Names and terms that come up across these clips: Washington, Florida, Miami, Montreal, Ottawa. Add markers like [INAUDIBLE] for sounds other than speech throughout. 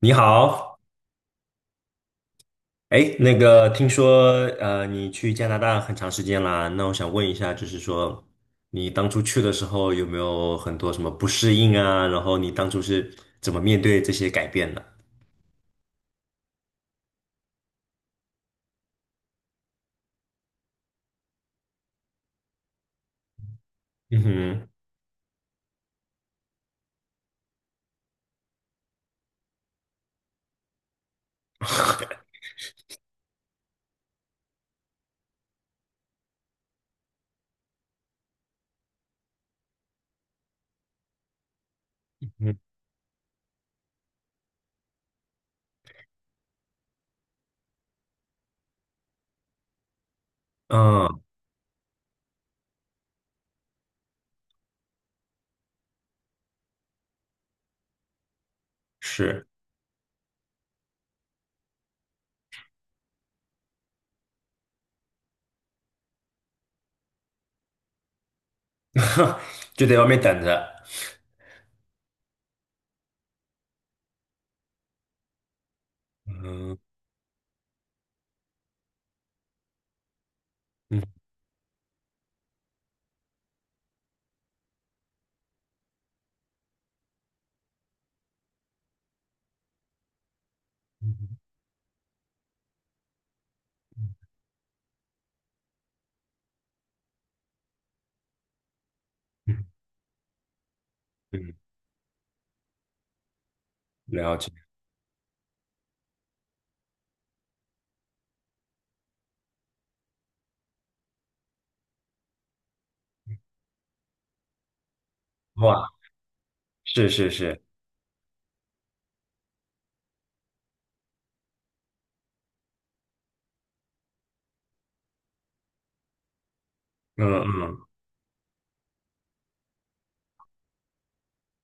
你好，哎，那个听说你去加拿大很长时间啦，那我想问一下，就是说你当初去的时候有没有很多什么不适应啊？然后你当初是怎么面对这些改变的？嗯哼。[LAUGHS] 嗯嗯，是。[LAUGHS] 就在外面等着。嗯嗯嗯嗯。嗯，了解。哇，是是是。嗯嗯，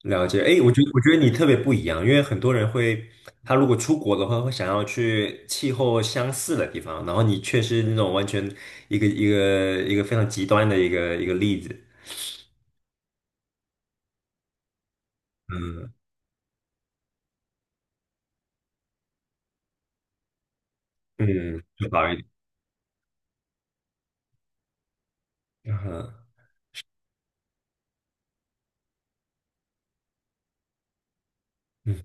了解。哎，我觉得你特别不一样，因为很多人会，他如果出国的话，会想要去气候相似的地方，然后你却是那种完全一个非常极端的一个例子。嗯嗯，就好一点。嗯嗯。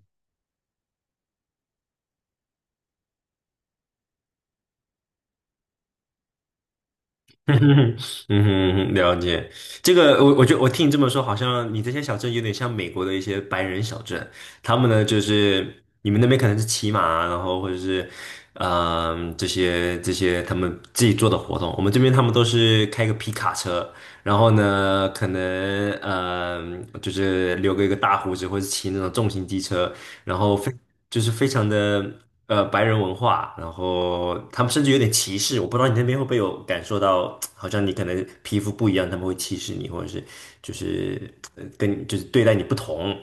[LAUGHS] 嗯哼，嗯哼，了解。这个，我觉得我听你这么说，好像你这些小镇有点像美国的一些白人小镇。他们呢，就是你们那边可能是骑马啊，然后或者是，嗯，这些他们自己做的活动。我们这边他们都是开个皮卡车，然后呢，可能就是留个一个大胡子，或者骑那种重型机车，然后非就是非常的白人文化，然后他们甚至有点歧视。我不知道你那边会不会有感受到，好像你可能皮肤不一样，他们会歧视你，或者是就是跟你就是对待你不同，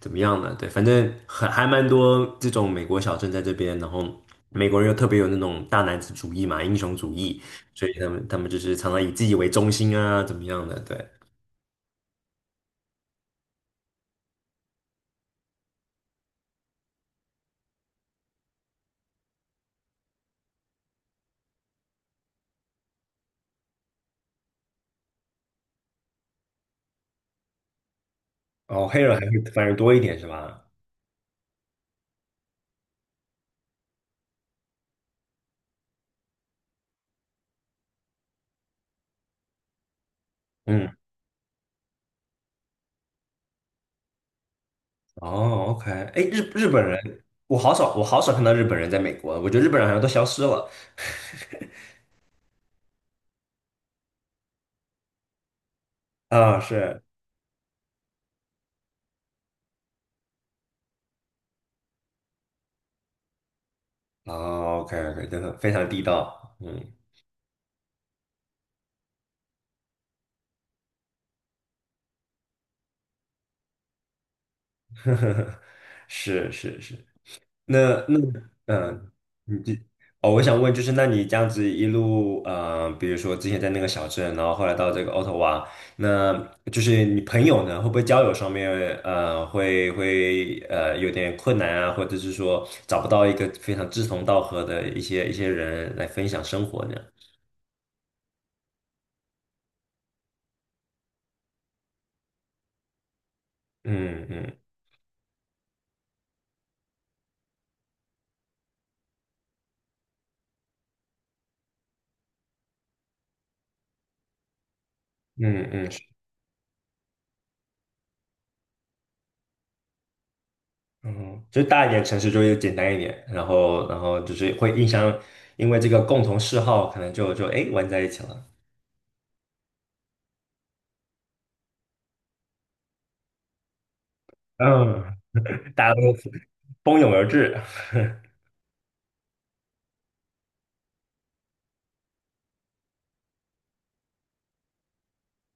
怎么样呢？对，反正很还蛮多这种美国小镇在这边，然后美国人又特别有那种大男子主义嘛，英雄主义。所以他们就是常常以自己为中心啊，怎么样的？对。哦，黑人还是反而多一点是吧？嗯。哦，OK，哎，日本人，我好少看到日本人在美国，我觉得日本人好像都消失了。啊，是。哦， o k OK，真的非常地道。嗯。[LAUGHS] 是是是。那嗯，你这哦，我想问就是，那你这样子一路，比如说之前在那个小镇，然后后来到这个渥太华，那就是你朋友呢，会不会交友上面，会有点困难啊，或者是说找不到一个非常志同道合的一些人来分享生活呢？嗯嗯嗯嗯，是。嗯，就是大一点城市就会简单一点，然后就是会印象，因为这个共同嗜好，可能就哎玩在一起了。嗯，大家都蜂拥而至。[LAUGHS]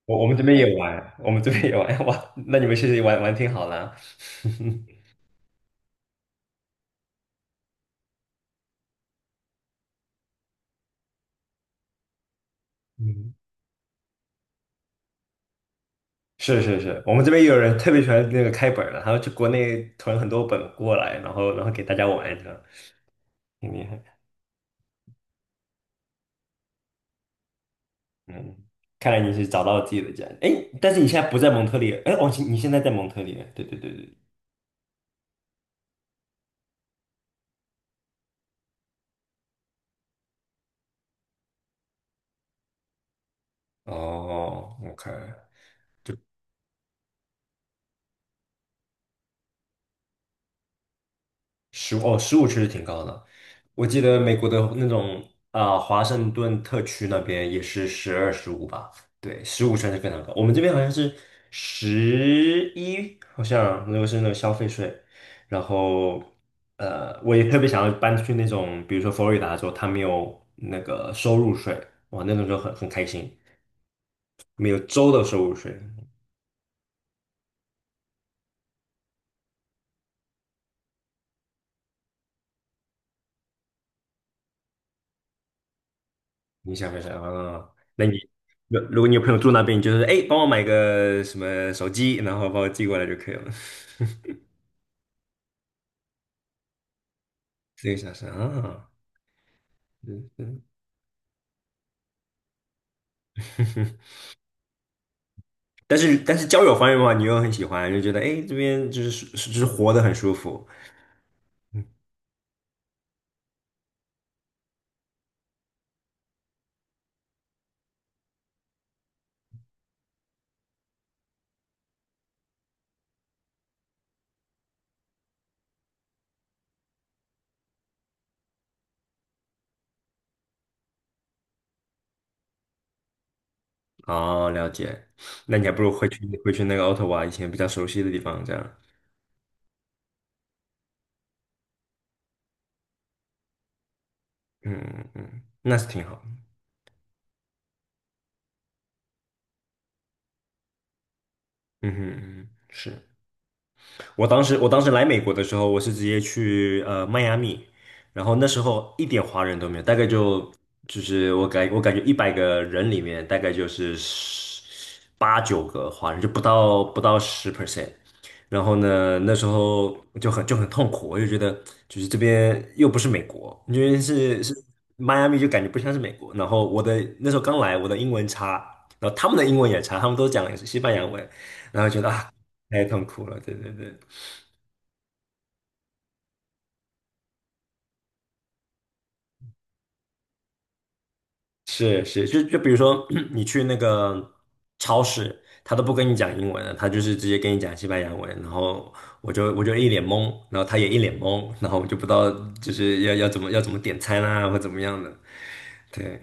我们这边也玩，我们这边也玩。[LAUGHS] 哇，那你们其实也玩玩挺好的。[LAUGHS] 嗯，是是是，我们这边也有人特别喜欢那个开本儿的，他要去国内囤很多本过来，然后给大家玩这样，挺厉害。嗯，看来你是找到了自己的家。哎，但是你现在不在蒙特利尔，哎，哦，你现在在蒙特利尔，对对对对。哦，OK。哦，十五确实挺高的。我记得美国的那种啊、华盛顿特区那边也是12、15吧？对，十五算是非常高。我们这边好像是11，好像那个是那个消费税。然后，我也特别想要搬去那种，比如说佛罗里达州，它没有那个收入税。哇，那种就很开心，没有州的收入税。你想分手啊？那你如果你有朋友住那边，你就是哎，诶帮我买个什么手机，然后把我寄过来就可以了。[LAUGHS] 这个小时啊，嗯嗯。[LAUGHS] 但是交友方面的话，你又很喜欢，就觉得哎，诶这边就是活得很舒服。嗯，哦，了解。那你还不如回去那个 Ottawa 以前比较熟悉的地方，这样。嗯嗯，嗯，那是挺好。嗯哼嗯哼，是。我当时来美国的时候，我是直接去迈阿密，然后那时候一点华人都没有，大概就是我感觉100个人里面大概就是十八九个华人，就不到10%。然后呢，那时候就很痛苦，我就觉得就是这边又不是美国，因为是迈阿密就感觉不像是美国。然后我的那时候刚来，我的英文差，然后他们的英文也差，他们都讲也是西班牙文，然后觉得啊太痛苦了，对对对。是，就比如说 [CLEARS THROAT] 你去那个超市，他都不跟你讲英文了，他就是直接跟你讲西班牙文，然后我就一脸懵，然后他也一脸懵，然后我就不知道就是要怎么点餐啊，或怎么样的。对。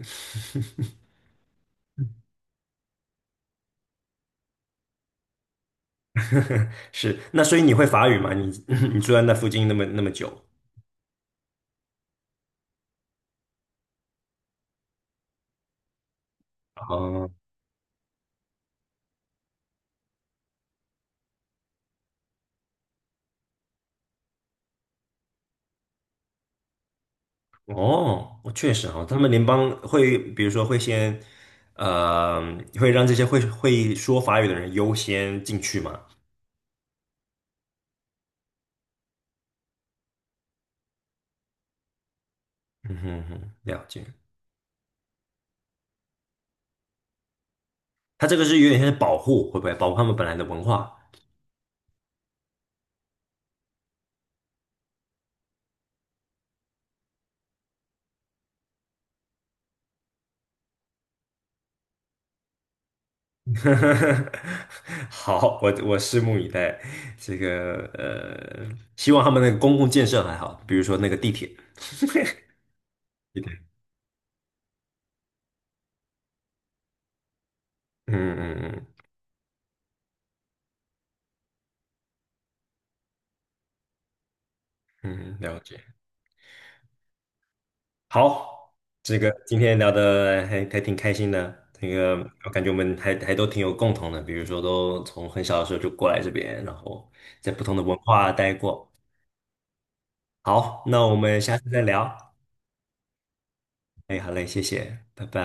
[LAUGHS] 是，那所以你会法语吗？你 [LAUGHS] 你住在那附近那么那么久？哦哦，我确实哈，他们联邦会，比如说会先，呃，会让这些会说法语的人优先进去嘛？嗯哼哼，了解。它这个是有点像是保护，会不会保护他们本来的文化？[LAUGHS] 好，我拭目以待。这个希望他们那个公共建设还好，比如说那个地铁。对对，嗯嗯嗯嗯，了解。好，这个今天聊的还挺开心的。那个我感觉我们还都挺有共同的，比如说都从很小的时候就过来这边，然后在不同的文化待过。好，那我们下次再聊。哎，好嘞，谢谢，拜拜。